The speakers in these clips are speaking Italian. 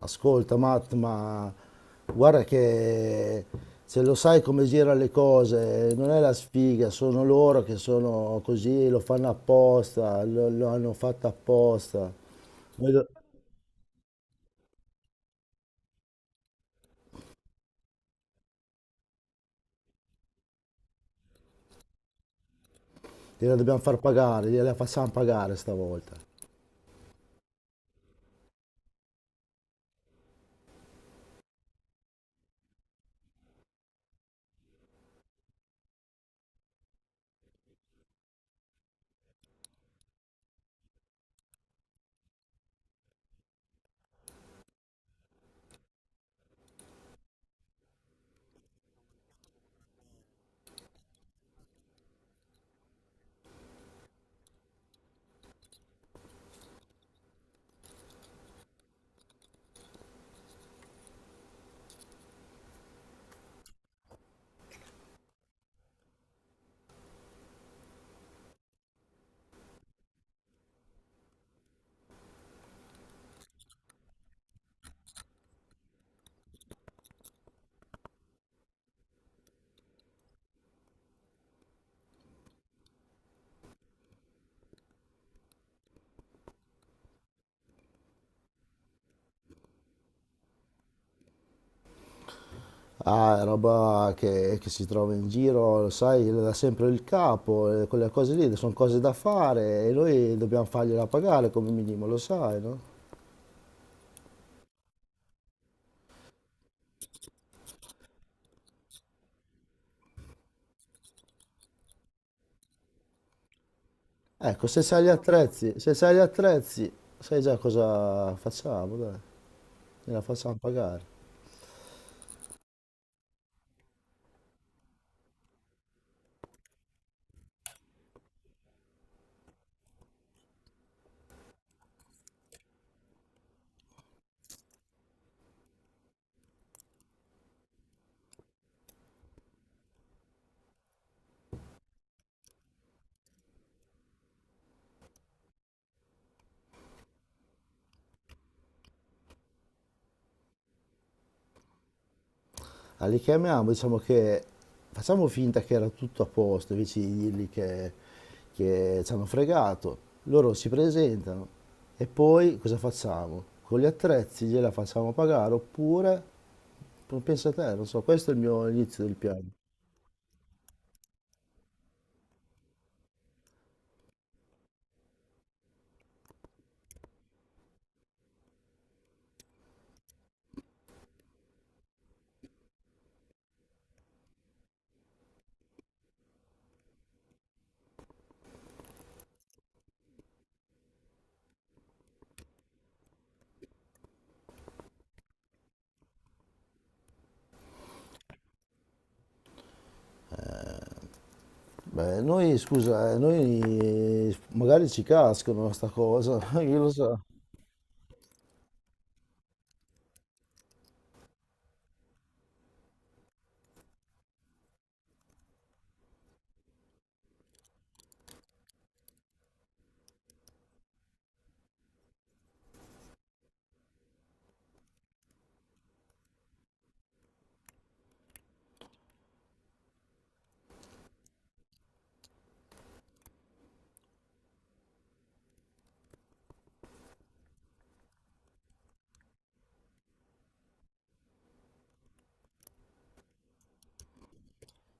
Ascolta Matt, ma guarda che se lo sai come girano le cose, non è la sfiga, sono loro che sono così, lo fanno apposta, lo hanno fatto apposta. Noi do- Gliela dobbiamo far pagare, gliela facciamo pagare stavolta. Ah, è roba che si trova in giro, lo sai, le dà sempre il capo, quelle cose lì sono cose da fare e noi dobbiamo fargliela pagare come minimo, lo sai, no? Ecco, se sai gli attrezzi, sai già cosa facciamo, dai, gliela facciamo pagare. Ah, li chiamiamo, diciamo che facciamo finta che era tutto a posto, invece di che ci hanno fregato. Loro si presentano e poi cosa facciamo? Con gli attrezzi gliela facciamo pagare oppure, pensa a te, non so, questo è il mio inizio del piano. Beh, noi, scusa, noi magari ci cascano sta cosa, io lo so.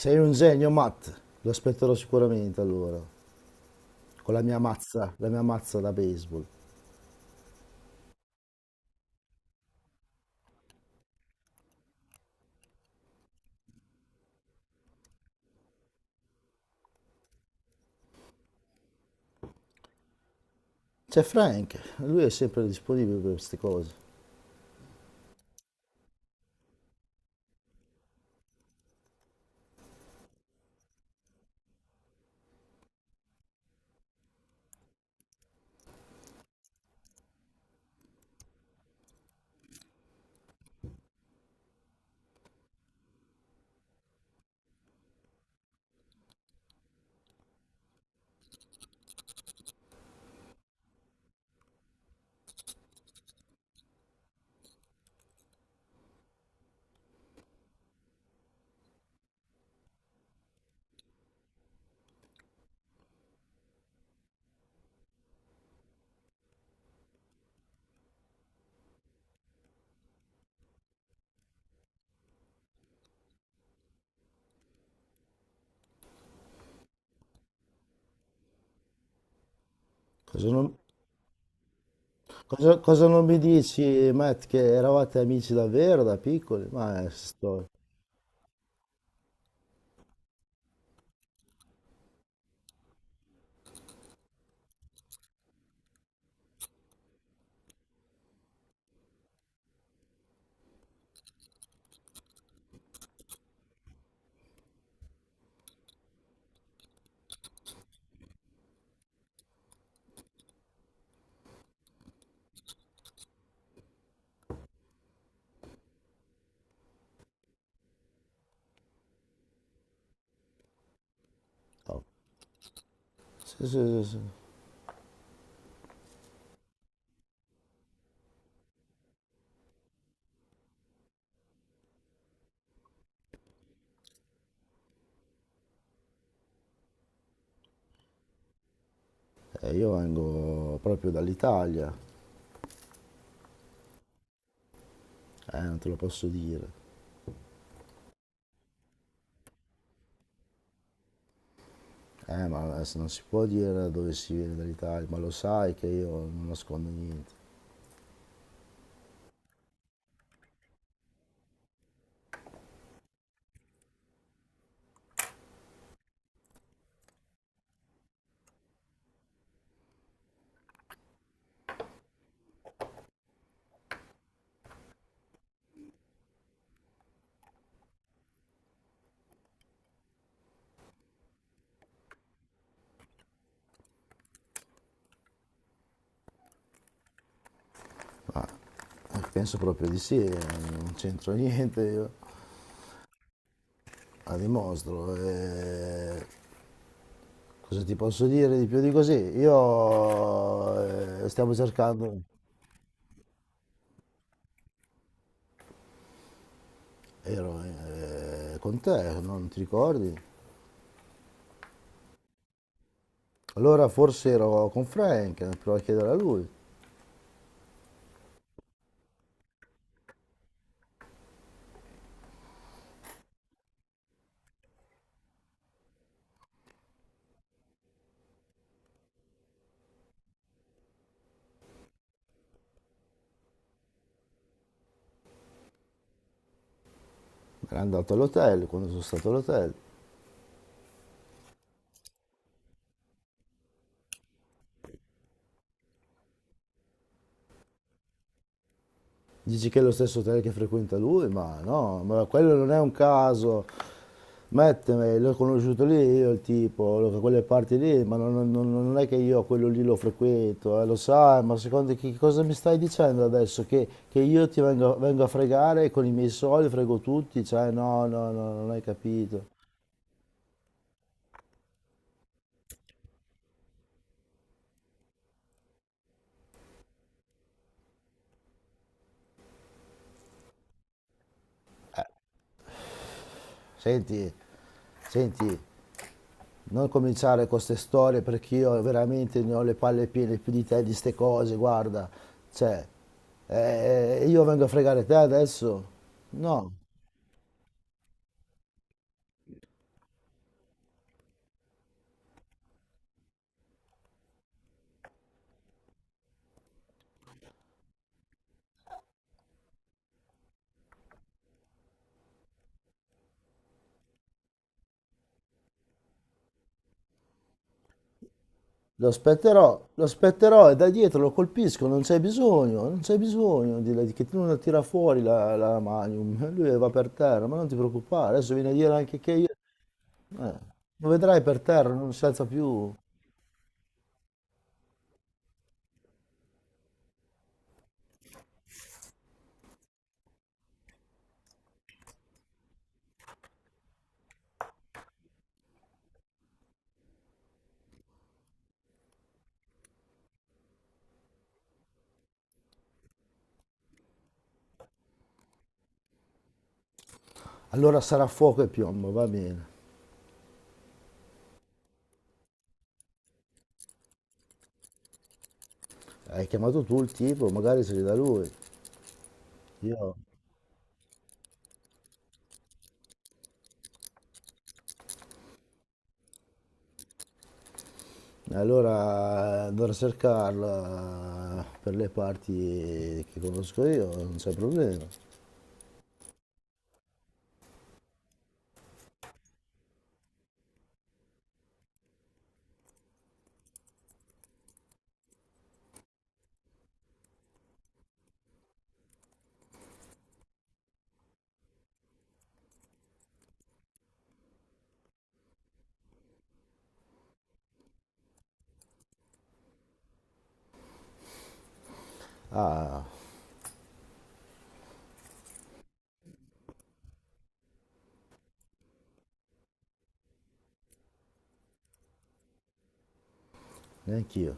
Sei un genio, Matt. Lo aspetterò sicuramente allora, con la mia mazza da baseball. C'è Frank, lui è sempre disponibile per queste cose. Cosa non, cosa non mi dici, Matt, che eravate amici davvero da piccoli? Ma è storia. Oh, sì, sì, sì, sì. Io vengo proprio dall'Italia, non te lo posso dire. Ma adesso non si può dire dove si viene dall'Italia, ma lo sai che io non nascondo niente. Penso proprio di sì, non c'entro niente io. A dimostro. Cosa ti posso dire di più di così? Io stiamo cercando, ero con te, non ti ricordi? Allora forse ero con Frank, provo a chiedere a lui. Era andato all'hotel, quando sono stato all'hotel. Dici che è lo stesso hotel che frequenta lui? Ma no, ma quello non è un caso. Metteme, l'ho conosciuto lì io il tipo, da quelle parti lì, ma non è che io quello lì lo frequento, lo sai, ma secondo che cosa mi stai dicendo adesso? Che io ti vengo a fregare con i miei soldi, frego tutti, cioè no, no, no, non hai capito. Senti, senti, non cominciare con queste storie perché io veramente ne ho le palle piene più di te di ste cose, guarda. Cioè, io vengo a fregare te adesso? No, lo aspetterò e da dietro lo colpisco, non c'è bisogno di che tu non la tira fuori la Magnum, lui va per terra, ma non ti preoccupare, adesso viene a dire anche che io lo vedrai per terra, non si alza più. Allora sarà fuoco e piombo, va bene. Hai chiamato tu il tipo, magari se li dà lui. Io allora andrò a cercarla per le parti che conosco io, non c'è problema. Ah, neanch'io.